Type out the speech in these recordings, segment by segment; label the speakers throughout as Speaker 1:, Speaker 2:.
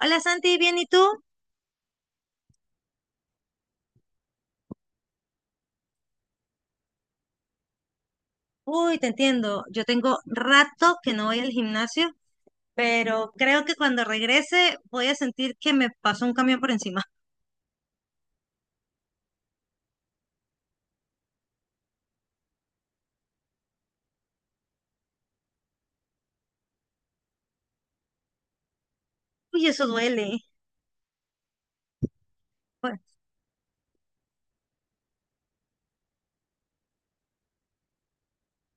Speaker 1: Hola Santi, ¿bien y tú? Uy, te entiendo. Yo tengo rato que no voy al gimnasio, pero creo que cuando regrese voy a sentir que me pasó un camión por encima. Uy, eso duele. Pues,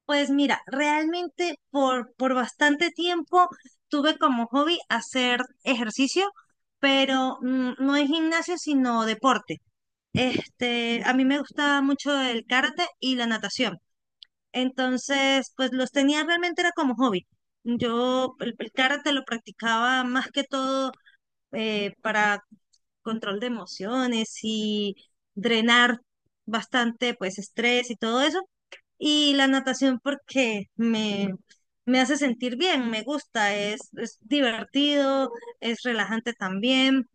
Speaker 1: pues mira, realmente por bastante tiempo tuve como hobby hacer ejercicio, pero no es gimnasio, sino deporte. A mí me gusta mucho el karate y la natación. Entonces, pues los tenía realmente era como hobby. Yo el karate lo practicaba más que todo para control de emociones y drenar bastante pues estrés y todo eso. Y la natación porque me hace sentir bien, me gusta, es divertido, es relajante también.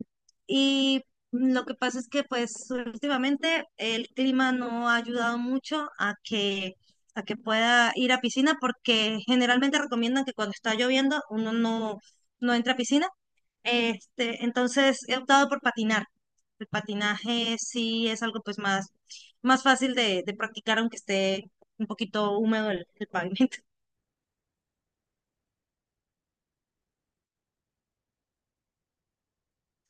Speaker 1: Y lo que pasa es que pues últimamente el clima no ha ayudado mucho a que pueda ir a piscina, porque generalmente recomiendan que cuando está lloviendo uno no, no entra a piscina. Entonces he optado por patinar. El patinaje sí es algo pues más fácil de practicar, aunque esté un poquito húmedo el pavimento.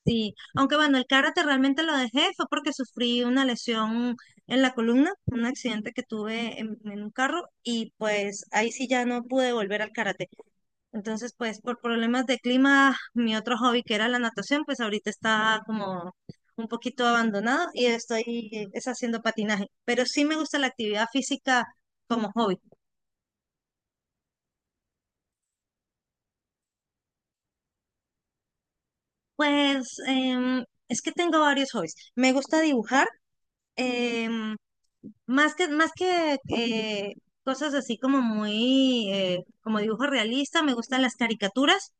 Speaker 1: Sí, aunque bueno, el karate realmente lo dejé, fue porque sufrí una lesión en la columna, un accidente que tuve en un carro, y pues ahí sí ya no pude volver al karate. Entonces, pues por problemas de clima, mi otro hobby, que era la natación, pues ahorita está como un poquito abandonado, y estoy es haciendo patinaje, pero sí me gusta la actividad física como hobby. Pues es que tengo varios hobbies. Me gusta dibujar. em, más que cosas así como muy, como dibujo realista, me gustan las caricaturas,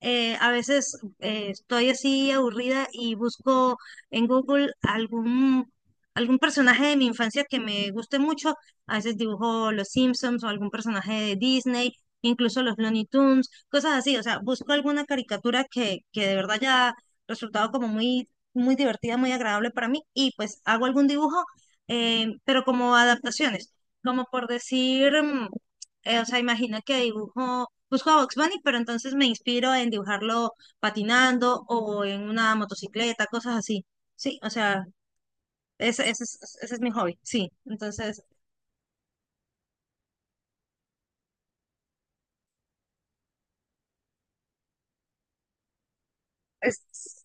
Speaker 1: a veces estoy así aburrida y busco en Google algún personaje de mi infancia que me guste mucho. A veces dibujo los Simpsons o algún personaje de Disney, incluso los Looney Tunes, cosas así. O sea, busco alguna caricatura que de verdad haya resultado como muy, muy divertida, muy agradable para mí, y pues hago algún dibujo, pero como adaptaciones, como por decir, o sea, imagina que dibujo Busco a Bugs Bunny, pero entonces me inspiro en dibujarlo patinando o en una motocicleta, cosas así. Sí, o sea, ese es mi hobby, sí. Entonces, es.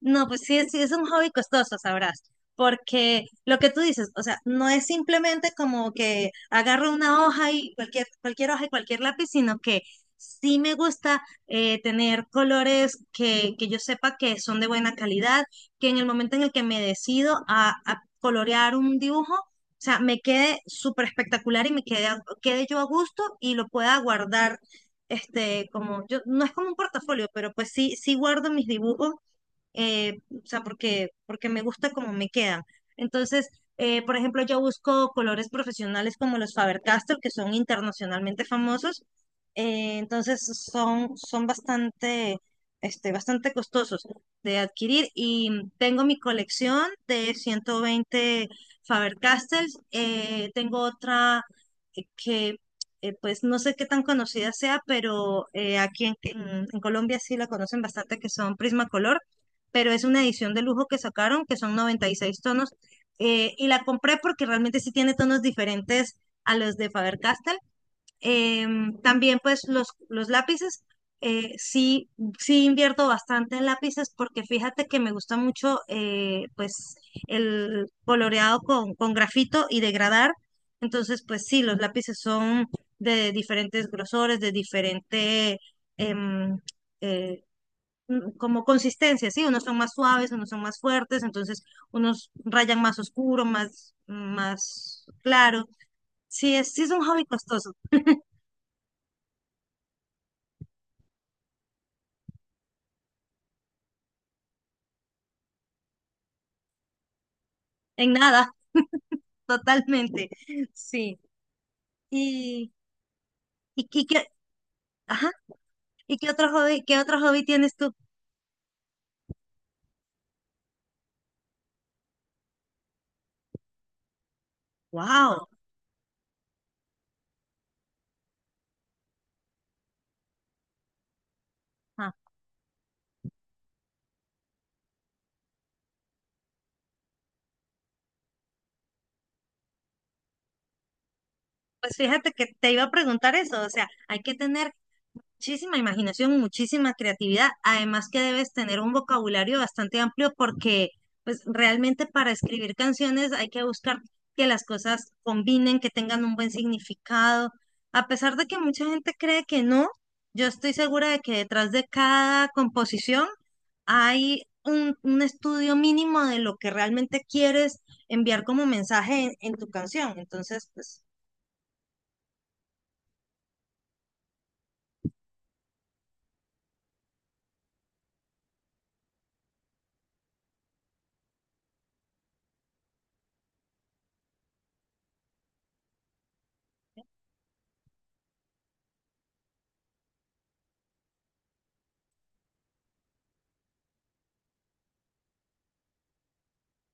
Speaker 1: No, pues sí, sí es un hobby costoso, sabrás, porque lo que tú dices, o sea, no es simplemente como que agarro una hoja y cualquier hoja y cualquier lápiz, sino que sí me gusta tener colores que yo sepa que son de buena calidad, que en el momento en el que me decido a colorear un dibujo, o sea, me quede súper espectacular y me quede yo a gusto y lo pueda guardar. Como yo, no es como un portafolio, pero pues sí guardo mis dibujos, o sea, porque me gusta cómo me quedan. Entonces, por ejemplo, yo busco colores profesionales como los Faber-Castell, que son internacionalmente famosos. Entonces, son bastante, bastante costosos de adquirir, y tengo mi colección de 120 Faber-Castells. Tengo otra, eh, que... pues no sé qué tan conocida sea, pero aquí en Colombia sí la conocen bastante, que son Prismacolor, pero es una edición de lujo que sacaron, que son 96 tonos. Y la compré porque realmente sí tiene tonos diferentes a los de Faber-Castell. También pues los lápices, sí, sí invierto bastante en lápices, porque fíjate que me gusta mucho, pues, el coloreado con grafito, y degradar. Entonces pues sí, los lápices son de diferentes grosores, de diferente em, eh, como consistencia, ¿sí? Unos son más suaves, unos son más fuertes, entonces unos rayan más oscuro, más, más claro. Sí, sí es un hobby costoso, en nada, totalmente, sí. Y, y, y qué, ajá, ¿y qué otro hobby tienes tú? ¡Wow! Pues fíjate que te iba a preguntar eso, o sea, hay que tener muchísima imaginación, muchísima creatividad, además que debes tener un vocabulario bastante amplio, porque pues realmente, para escribir canciones, hay que buscar que las cosas combinen, que tengan un buen significado. A pesar de que mucha gente cree que no, yo estoy segura de que detrás de cada composición hay un estudio mínimo de lo que realmente quieres enviar como mensaje en tu canción. Entonces, pues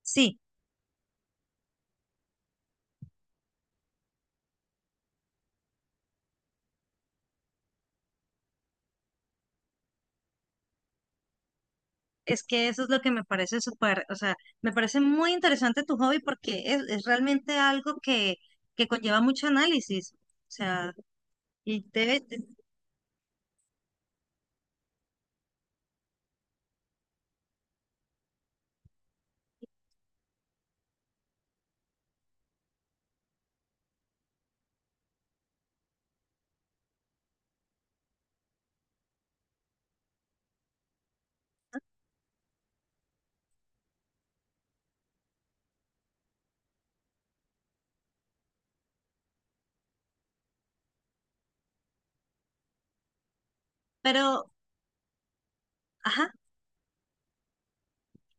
Speaker 1: sí. Es que eso es lo que me parece súper, o sea, me parece muy interesante tu hobby porque es realmente algo que conlleva mucho análisis. O sea, y debe, de- pero, ajá,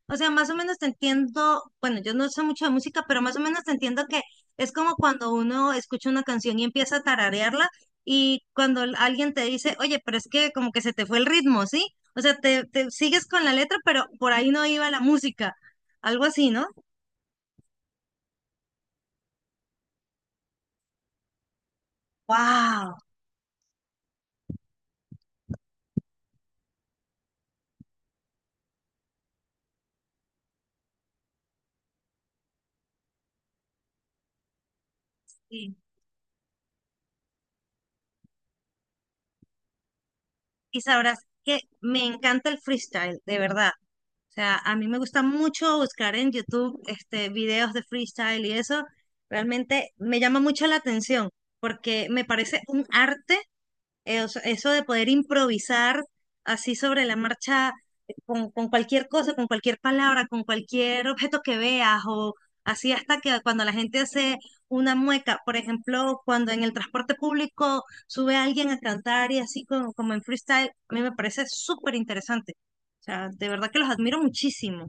Speaker 1: o sea, más o menos te entiendo, bueno, yo no sé mucho de música, pero más o menos te entiendo que es como cuando uno escucha una canción y empieza a tararearla, y cuando alguien te dice, oye, pero es que como que se te fue el ritmo, ¿sí? O sea, te sigues con la letra, pero por ahí no iba la música, algo así, ¿no? ¡Wow! Y sabrás que me encanta el freestyle, de verdad. O sea, a mí me gusta mucho buscar en YouTube, videos de freestyle, y eso realmente me llama mucho la atención, porque me parece un arte. O sea, eso de poder improvisar así sobre la marcha, con cualquier cosa, con cualquier palabra, con cualquier objeto que veas, o así, hasta que cuando la gente hace una mueca, por ejemplo, cuando en el transporte público sube alguien a cantar y así como, como en freestyle, a mí me parece súper interesante. O sea, de verdad que los admiro muchísimo.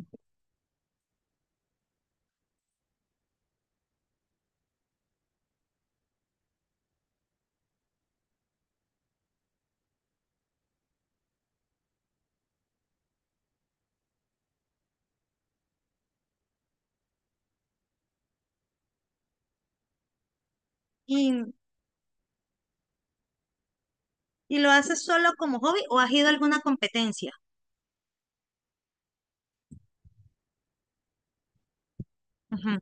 Speaker 1: ¿Y, y lo haces solo como hobby, o has ido a alguna competencia? Ujú.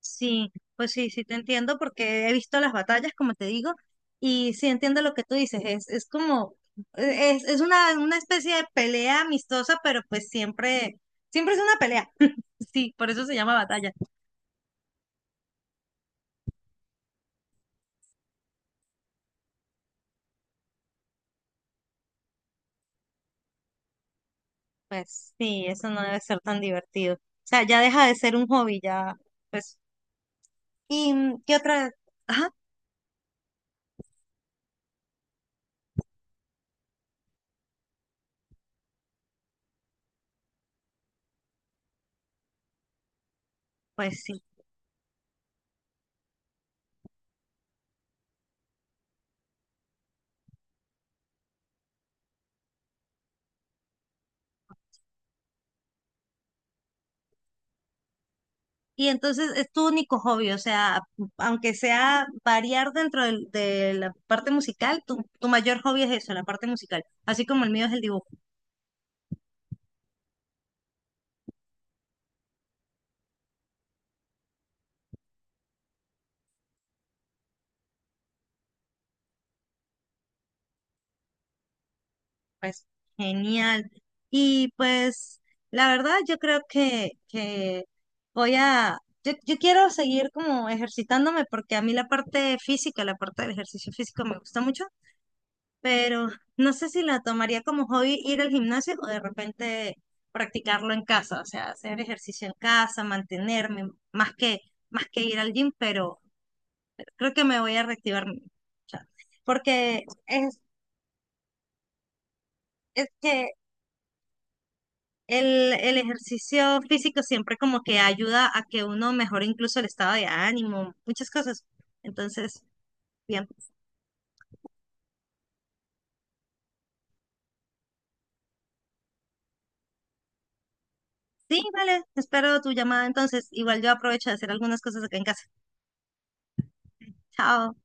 Speaker 1: Sí, pues sí te entiendo, porque he visto las batallas, como te digo, y sí entiendo lo que tú dices, es como, es una especie de pelea amistosa, pero pues siempre, siempre es una pelea. Sí, por eso se llama batalla. Pues sí, eso no debe ser tan divertido. O sea, ya deja de ser un hobby, ya, pues. ¿Y qué otra? Ajá, pues sí. Y entonces es tu único hobby, o sea, aunque sea variar dentro de la parte musical, tu mayor hobby es eso, la parte musical, así como el mío es el dibujo, pues genial. Y pues la verdad yo creo que voy a, yo quiero seguir como ejercitándome, porque a mí la parte física, la parte del ejercicio físico, me gusta mucho. Pero no sé si la tomaría como hobby ir al gimnasio, o de repente practicarlo en casa, o sea, hacer ejercicio en casa, mantenerme, más que ir al gym, pero creo que me voy a reactivar, o sea, porque es que el ejercicio físico siempre como que ayuda a que uno mejore incluso el estado de ánimo, muchas cosas. Entonces, bien. Sí, vale, espero tu llamada entonces. Igual yo aprovecho de hacer algunas cosas acá en casa. Chao.